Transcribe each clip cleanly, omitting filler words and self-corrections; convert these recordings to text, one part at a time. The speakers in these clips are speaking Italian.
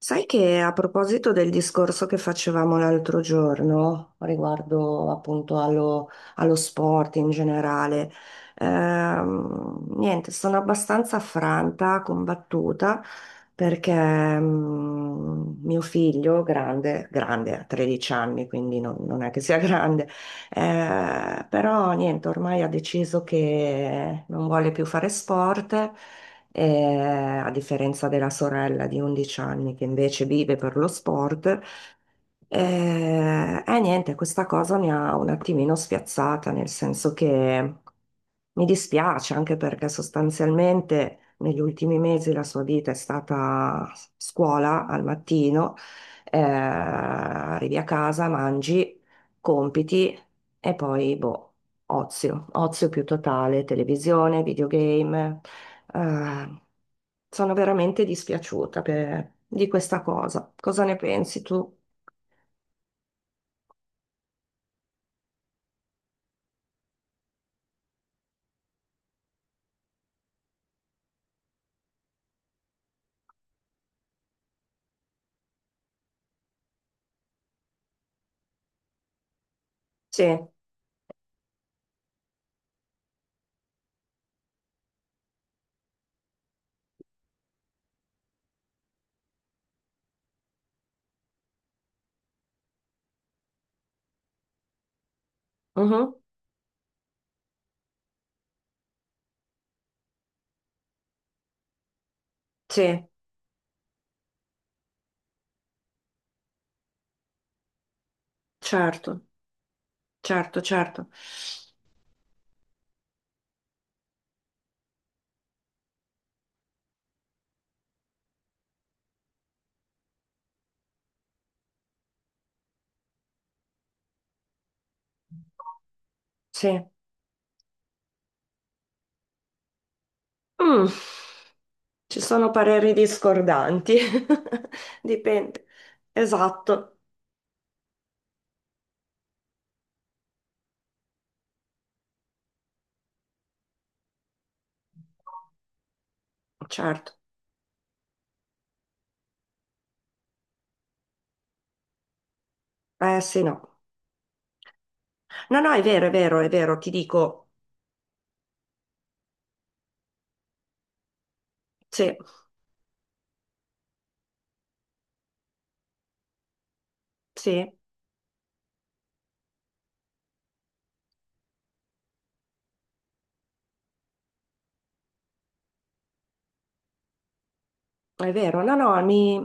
Sai che a proposito del discorso che facevamo l'altro giorno riguardo appunto allo sport in generale, niente, sono abbastanza affranta, combattuta perché mio figlio, grande, grande, ha 13 anni, quindi non è che sia grande, però niente, ormai ha deciso che non vuole più fare sport, eh, a differenza della sorella di 11 anni che invece vive per lo sport. E niente, questa cosa mi ha un attimino spiazzata, nel senso che mi dispiace anche perché sostanzialmente negli ultimi mesi la sua vita è stata scuola al mattino, arrivi a casa, mangi, compiti e poi boh, ozio, ozio più totale, televisione, videogame. eh, Sono veramente dispiaciuta di questa cosa. Cosa ne pensi tu? Sì, mhm, sì, certo, certo, certo. Sì. Mm, Ci sono pareri discordanti. Dipende. Esatto, certo. Eh sì, no. No, no, è vero, è vero, è vero, ti dico. Sì, sì. È vero, no, no, mi.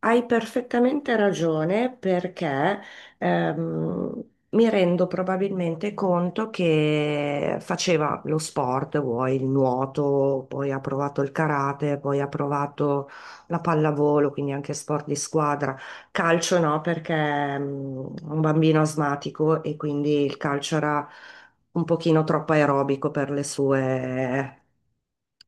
Hai perfettamente ragione perché ehm, mi rendo probabilmente conto che faceva lo sport, vuoi il nuoto, poi ha provato il karate, poi ha provato la pallavolo, quindi anche sport di squadra. Calcio no, perché è un bambino asmatico e quindi il calcio era un pochino troppo aerobico per le sue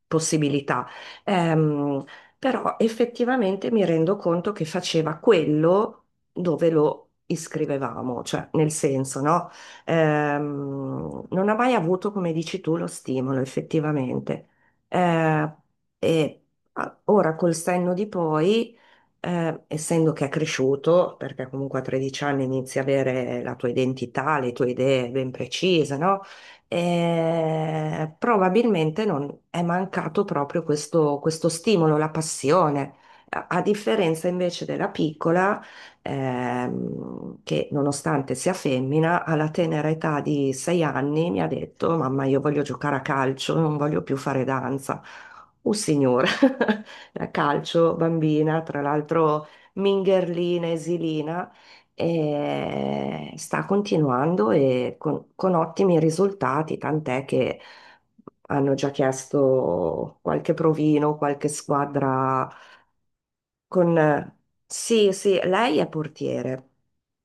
possibilità. Ehm, Però effettivamente mi rendo conto che faceva quello dove lo iscrivevamo, cioè nel senso, no? Non ha mai avuto, come dici tu, lo stimolo effettivamente. Eh, e Ora col senno di poi, essendo che è cresciuto, perché comunque a 13 anni inizi a avere la tua identità, le tue idee ben precise, no? Probabilmente non è mancato proprio questo, questo stimolo, la passione. A differenza invece della piccola, che nonostante sia femmina, alla tenera età di sei anni mi ha detto: Mamma, io voglio giocare a calcio, non voglio più fare danza. Oh signora, a calcio, bambina, tra l'altro mingherlina, esilina e sta continuando e con ottimi risultati, tant'è che hanno già chiesto qualche provino, qualche squadra con... Sì, sì, lei è portiere.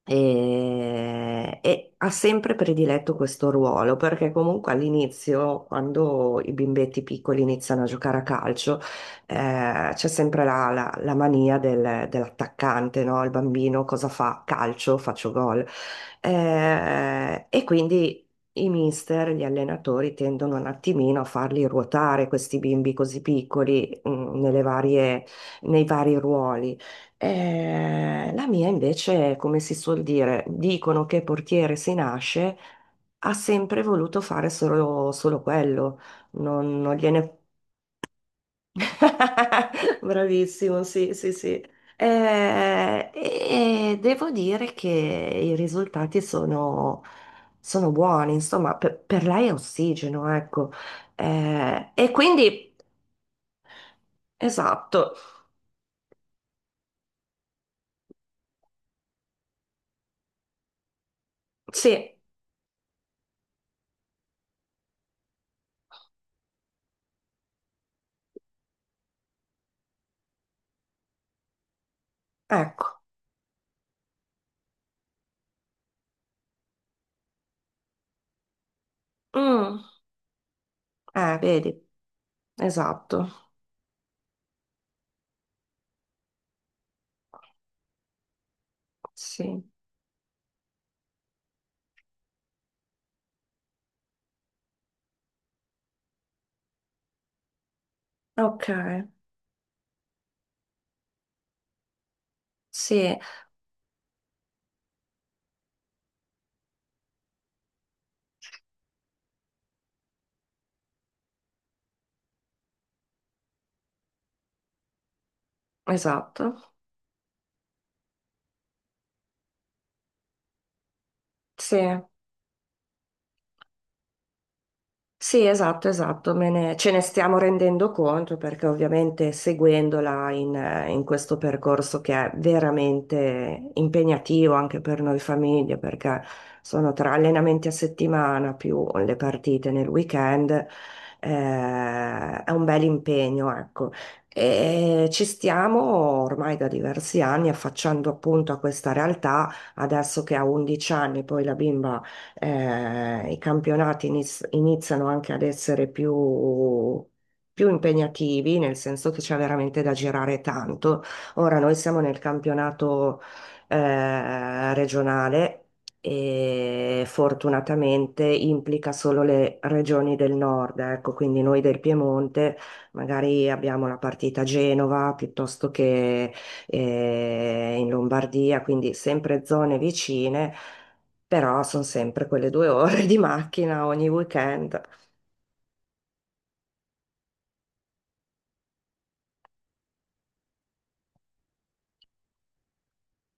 E ha sempre prediletto questo ruolo perché comunque all'inizio, quando i bimbetti piccoli iniziano a giocare a calcio, c'è sempre la mania dell'attaccante, no? Il bambino cosa fa? Calcio, faccio gol. E quindi i mister, gli allenatori tendono un attimino a farli ruotare questi bimbi così piccoli, nelle nei vari ruoli. La mia invece, come si suol dire, dicono che portiere si nasce, ha sempre voluto fare solo, solo quello, non gliene. Bravissimo, sì, sì, sì. E devo dire che i risultati sono buoni, insomma, per lei è ossigeno, ecco. Eh, e quindi, esatto, sì, ecco. Mm, Vedi, esatto. Sì, ok, sì, esatto, sì. Sì, esatto, esatto, ce ne stiamo rendendo conto perché ovviamente seguendola in questo percorso che è veramente impegnativo anche per noi famiglie, perché sono tre allenamenti a settimana più le partite nel weekend, è un bel impegno, ecco. E ci stiamo ormai da diversi anni affacciando appunto a questa realtà, adesso che ha 11 anni, poi la bimba i campionati iniziano anche ad essere più impegnativi, nel senso che c'è veramente da girare tanto. Ora noi siamo nel campionato regionale. E fortunatamente implica solo le regioni del nord, ecco, quindi noi del Piemonte magari abbiamo la partita a Genova piuttosto che in Lombardia, quindi sempre zone vicine però sono sempre quelle due ore di macchina ogni weekend.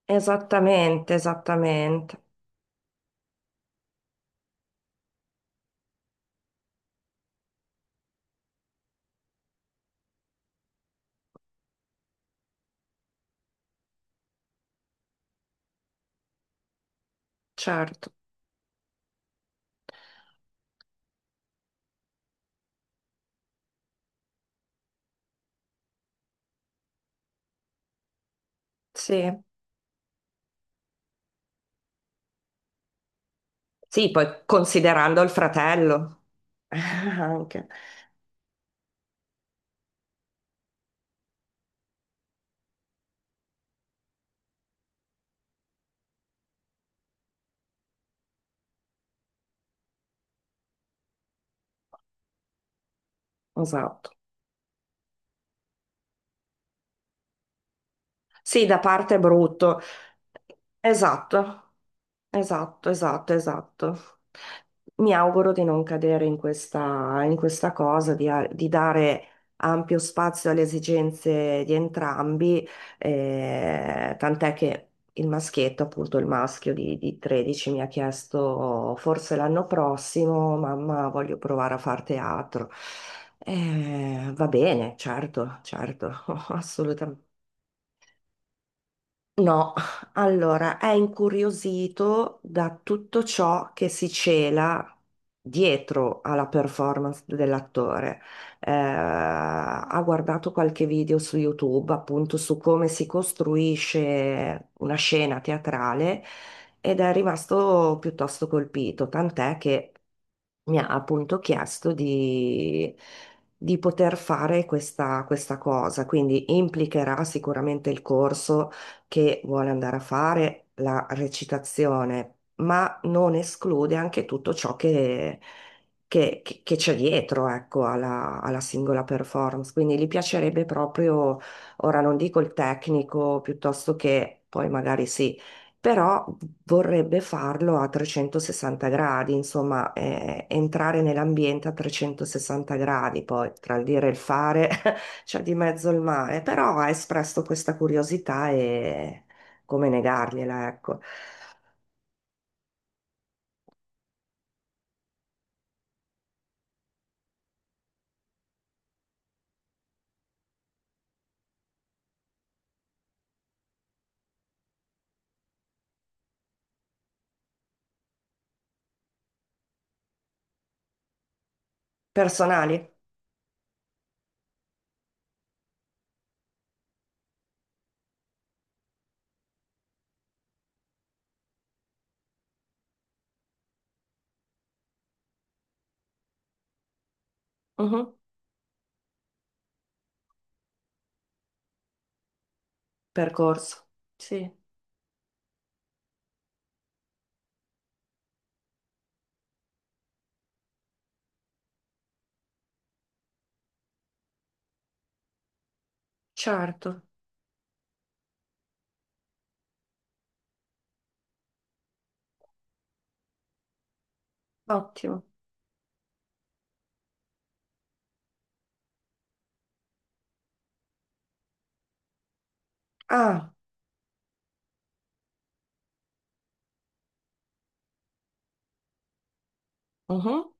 Esattamente, esattamente. Certo, sì. Sì, poi considerando il fratello. Anche. Esatto. Sì, da parte è brutto. Esatto. Esatto, esatto, esatto. Mi auguro di non cadere in questa cosa, di dare ampio spazio alle esigenze di entrambi, tant'è che il maschietto, appunto il maschio di 13, mi ha chiesto forse l'anno prossimo, mamma, voglio provare a far teatro. Va bene, certo, certo, assolutamente. No, allora è incuriosito da tutto ciò che si cela dietro alla performance dell'attore. Ha guardato qualche video su YouTube appunto su come si costruisce una scena teatrale ed è rimasto piuttosto colpito, tant'è che mi ha appunto chiesto di poter fare questa, questa cosa, quindi implicherà sicuramente il corso che vuole andare a fare, la recitazione, ma non esclude anche tutto ciò che, che c'è dietro, ecco, alla singola performance. Quindi gli piacerebbe proprio, ora non dico il tecnico, piuttosto che poi magari sì però vorrebbe farlo a 360 gradi, insomma, entrare nell'ambiente a 360 gradi, poi tra il dire e il fare c'è di mezzo il mare, però ha espresso questa curiosità e come negargliela, ecco. Personali? Mhm. Percorso. Sì, certo, ottimo. Ah, mhm.